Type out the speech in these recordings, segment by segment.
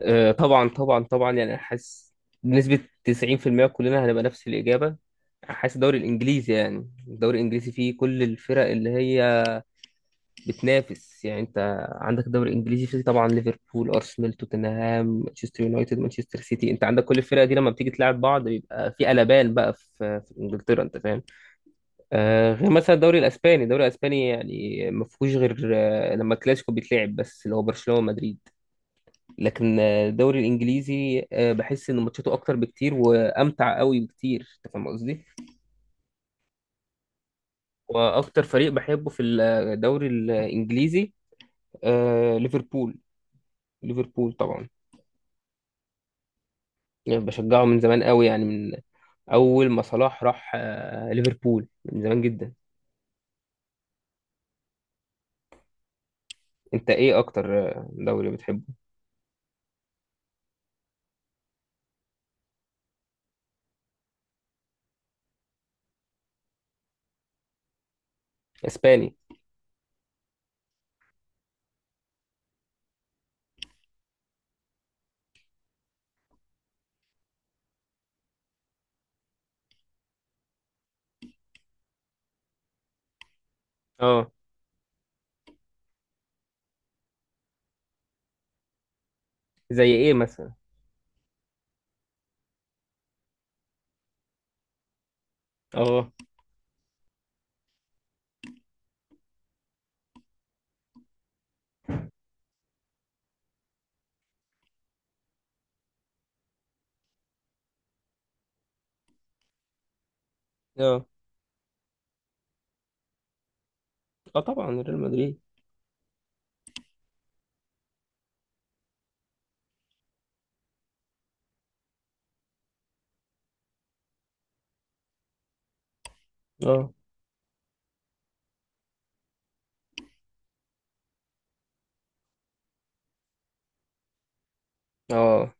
طبعا طبعا طبعا يعني أنا حاسس بنسبة 90% كلنا هنبقى نفس الإجابة. حاسس الدوري الإنجليزي، يعني الدوري الإنجليزي فيه كل الفرق اللي هي بتنافس. يعني أنت عندك الدوري الإنجليزي فيه طبعا ليفربول، أرسنال، توتنهام، مانشستر يونايتد، مانشستر سيتي، أنت عندك كل الفرق دي لما بتيجي تلعب بعض بيبقى في قلبان بقى في إنجلترا، أنت فاهم. آه، غير مثلا الدوري الإسباني، الدوري الإسباني يعني ما فيهوش غير لما الكلاسيكو بيتلعب، بس اللي هو برشلونة ومدريد. لكن الدوري الانجليزي بحس ان ماتشاته اكتر بكتير وامتع قوي بكتير، انت فاهم قصدي. واكتر فريق بحبه في الدوري الانجليزي ليفربول. ليفربول طبعا، يعني بشجعه من زمان قوي، يعني من اول ما صلاح راح ليفربول، من زمان جدا. انت ايه اكتر دوري بتحبه؟ اسباني؟ اه. زي ايه مثلا؟ اه. اه. اه طبعا ريال مدريد. اه. اه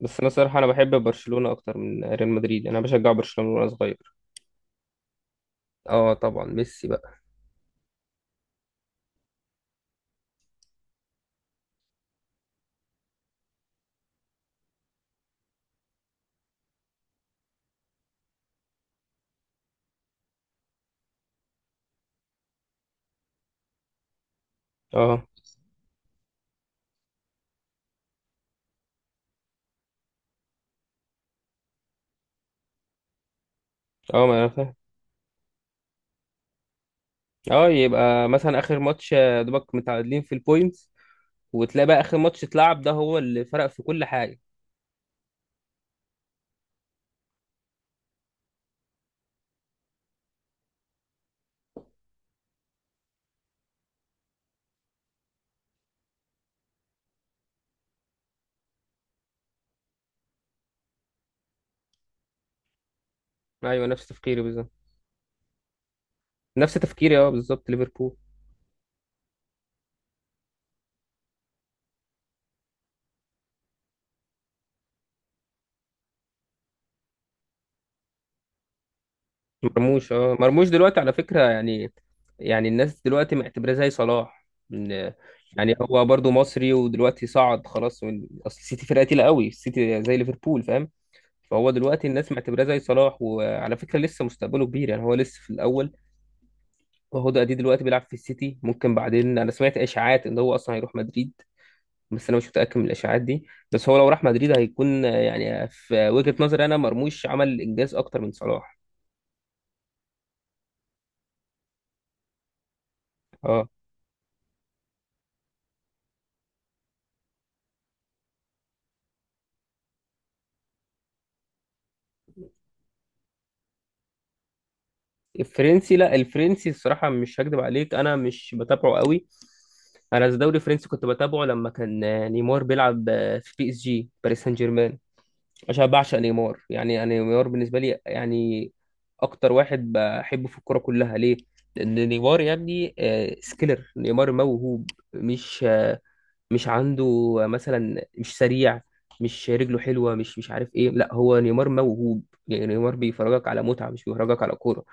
بس انا صراحة انا بحب برشلونة اكتر من ريال مدريد، انا بشجع برشلونة وانا صغير. اه طبعا، ميسي بقى. اه. اه ما انا فاهم. اه، يبقى مثلا اخر ماتش دوبك متعادلين في البوينتس، وتلاقي بقى اخر ماتش اتلعب ده هو اللي فرق في كل حاجه. ايوه، نفس تفكيري بالظبط. نفس تفكيري، اه بالظبط ليفربول. مرموش، اه مرموش دلوقتي على فكره، يعني يعني الناس دلوقتي معتبراه زي صلاح. إن- يعني هو برضو مصري ودلوقتي صعد خلاص من اصل السيتي فرقه تقيله قوي، السيتي زي ليفربول فاهم. فهو دلوقتي الناس معتبراه زي صلاح، وعلى فكره لسه مستقبله كبير، يعني هو لسه في الاول، وهو دي دلوقتي بيلعب في السيتي. ممكن بعدين انا سمعت اشاعات ان هو اصلا هيروح مدريد، بس انا مش متاكد من الاشاعات دي. بس هو لو راح مدريد هيكون يعني في وجهه نظري انا مرموش عمل انجاز اكتر من صلاح. اه. الفرنسي، لا الفرنسي الصراحه مش هكدب عليك انا مش بتابعه قوي. انا الدوري الفرنسي كنت بتابعه لما كان نيمار بيلعب في بي اس جي، باريس سان جيرمان. مش بعشق نيمار، يعني أنا نيمار بالنسبه لي يعني اكتر واحد بحبه في الكوره كلها. ليه؟ لان نيمار يا ابني سكيلر، نيمار موهوب، مش مش عنده مثلا مش سريع، مش رجله حلوه، مش عارف ايه. لا، هو نيمار موهوب، يعني نيمار بيفرجك على متعه، مش بيفرجك على كوره.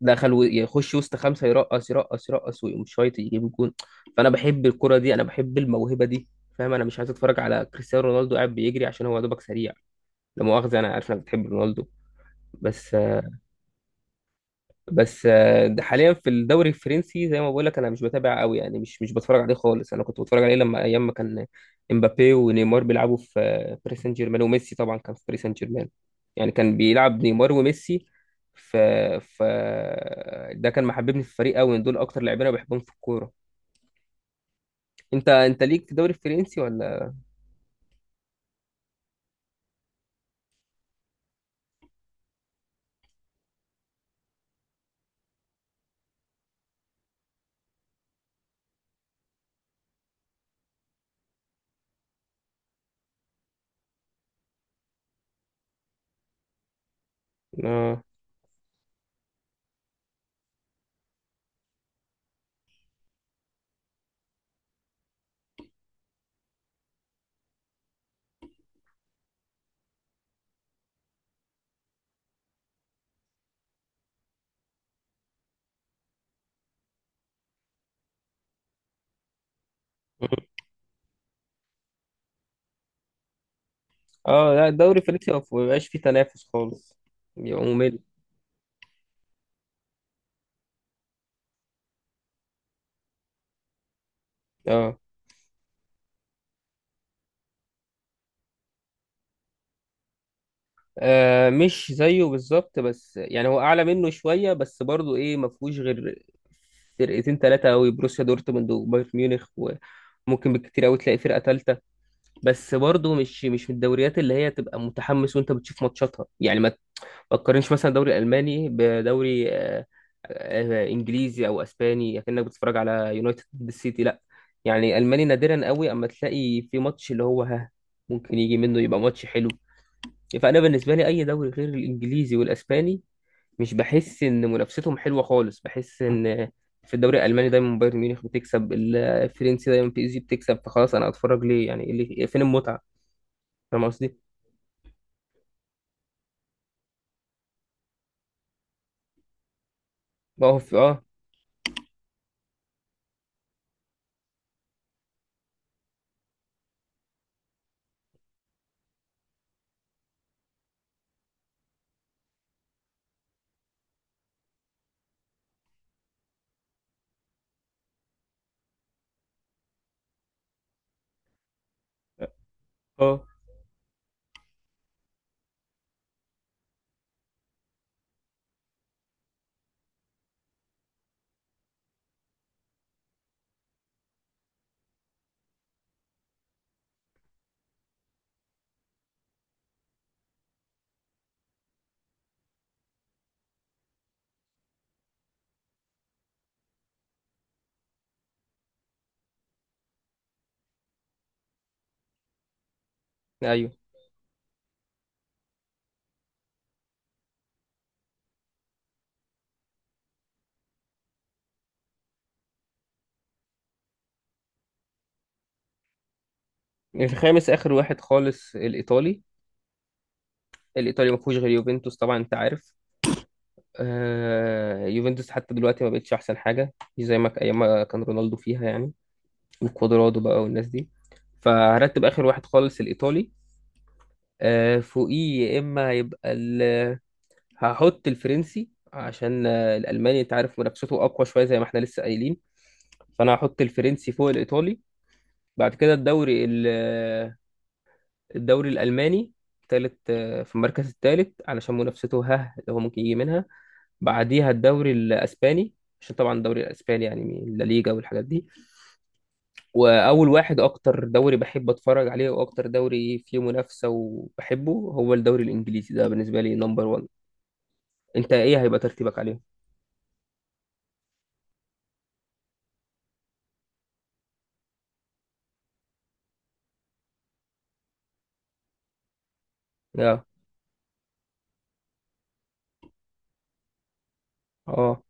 دخل يخش وسط خمسه، يرقص يرقص يرقص ويقوم شايط يجيب جون. فانا بحب الكوره دي، انا بحب الموهبه دي فاهم. انا مش عايز اتفرج على كريستيانو رونالدو قاعد بيجري عشان هو يا دوبك سريع. لا مؤاخذة، أنا عارف إنك بتحب رونالدو، بس بس ده حاليا في الدوري الفرنسي زي ما بقول لك، أنا مش بتابع قوي، يعني مش بتفرج عليه خالص. أنا كنت بتفرج عليه لما أيام ما كان إمبابي ونيمار بيلعبوا في باريس سان جيرمان، وميسي طبعا كان في باريس سان جيرمان. يعني كان بيلعب نيمار وميسي. ف ف ده كان محببني في الفريق قوي، دول أكتر لاعبين أنا بحبهم في الكورة. أنت ليك في الدوري الفرنسي ولا؟ آه. آه لا، الدوري الفرنسي ما بيبقاش فيه تنافس خالص، بيبقى ممل. اه. آه مش زيه بالظبط، بس يعني هو اعلى منه شويه، بس برضو ايه، ما فيهوش غير فرقتين ثلاثه قوي، بروسيا دورتموند وبايرن ميونخ، وممكن بالكتير قوي تلاقي فرقه ثالثه. بس برضو مش من الدوريات اللي هي تبقى متحمس وانت بتشوف ماتشاتها. يعني ما تقارنش مثلا الدوري الالماني بدوري انجليزي او اسباني، كأنك بتتفرج على يونايتد ضد السيتي، لا. يعني الماني نادرا قوي اما تلاقي في ماتش اللي هو ها ممكن يجي منه يبقى ماتش حلو. فانا بالنسبه لي اي دوري غير الانجليزي والاسباني مش بحس ان منافستهم حلوه خالص. بحس ان في الدوري الالماني دايما بايرن ميونخ بتكسب، الفرنسي دايما بي اس جي بتكسب، فخلاص انا اتفرج ليه؟ يعني إيه اللي فين المتعه؟ فاهم قصدي. اه. اه. ايوه. الخامس اخر واحد خالص الايطالي. الايطالي ما فيهوش غير يوفنتوس طبعا انت عارف. آه يوفنتوس حتى دلوقتي ما بقتش احسن حاجه، مش زي ما ايام ما كان رونالدو فيها يعني، وكوادرادو بقى والناس دي. فهرتب اخر واحد خالص الايطالي. فوقيه يا اما هيبقى هحط الفرنسي، عشان الالماني انت عارف منافسته اقوى شويه زي ما احنا لسه قايلين. فانا هحط الفرنسي فوق الايطالي. بعد كده الدوري الدوري الالماني تالت في المركز الثالث، علشان منافسته ها اللي هو ممكن يجي منها. بعديها الدوري الاسباني، عشان طبعا الدوري الاسباني يعني لا ليجا والحاجات دي. واول واحد، اكتر دوري بحب اتفرج عليه، واكتر دوري فيه منافسه وبحبه، هو الدوري الانجليزي، ده بالنسبه لي نمبر واحد. انت ايه هيبقى ترتيبك عليهم؟ اه. اه.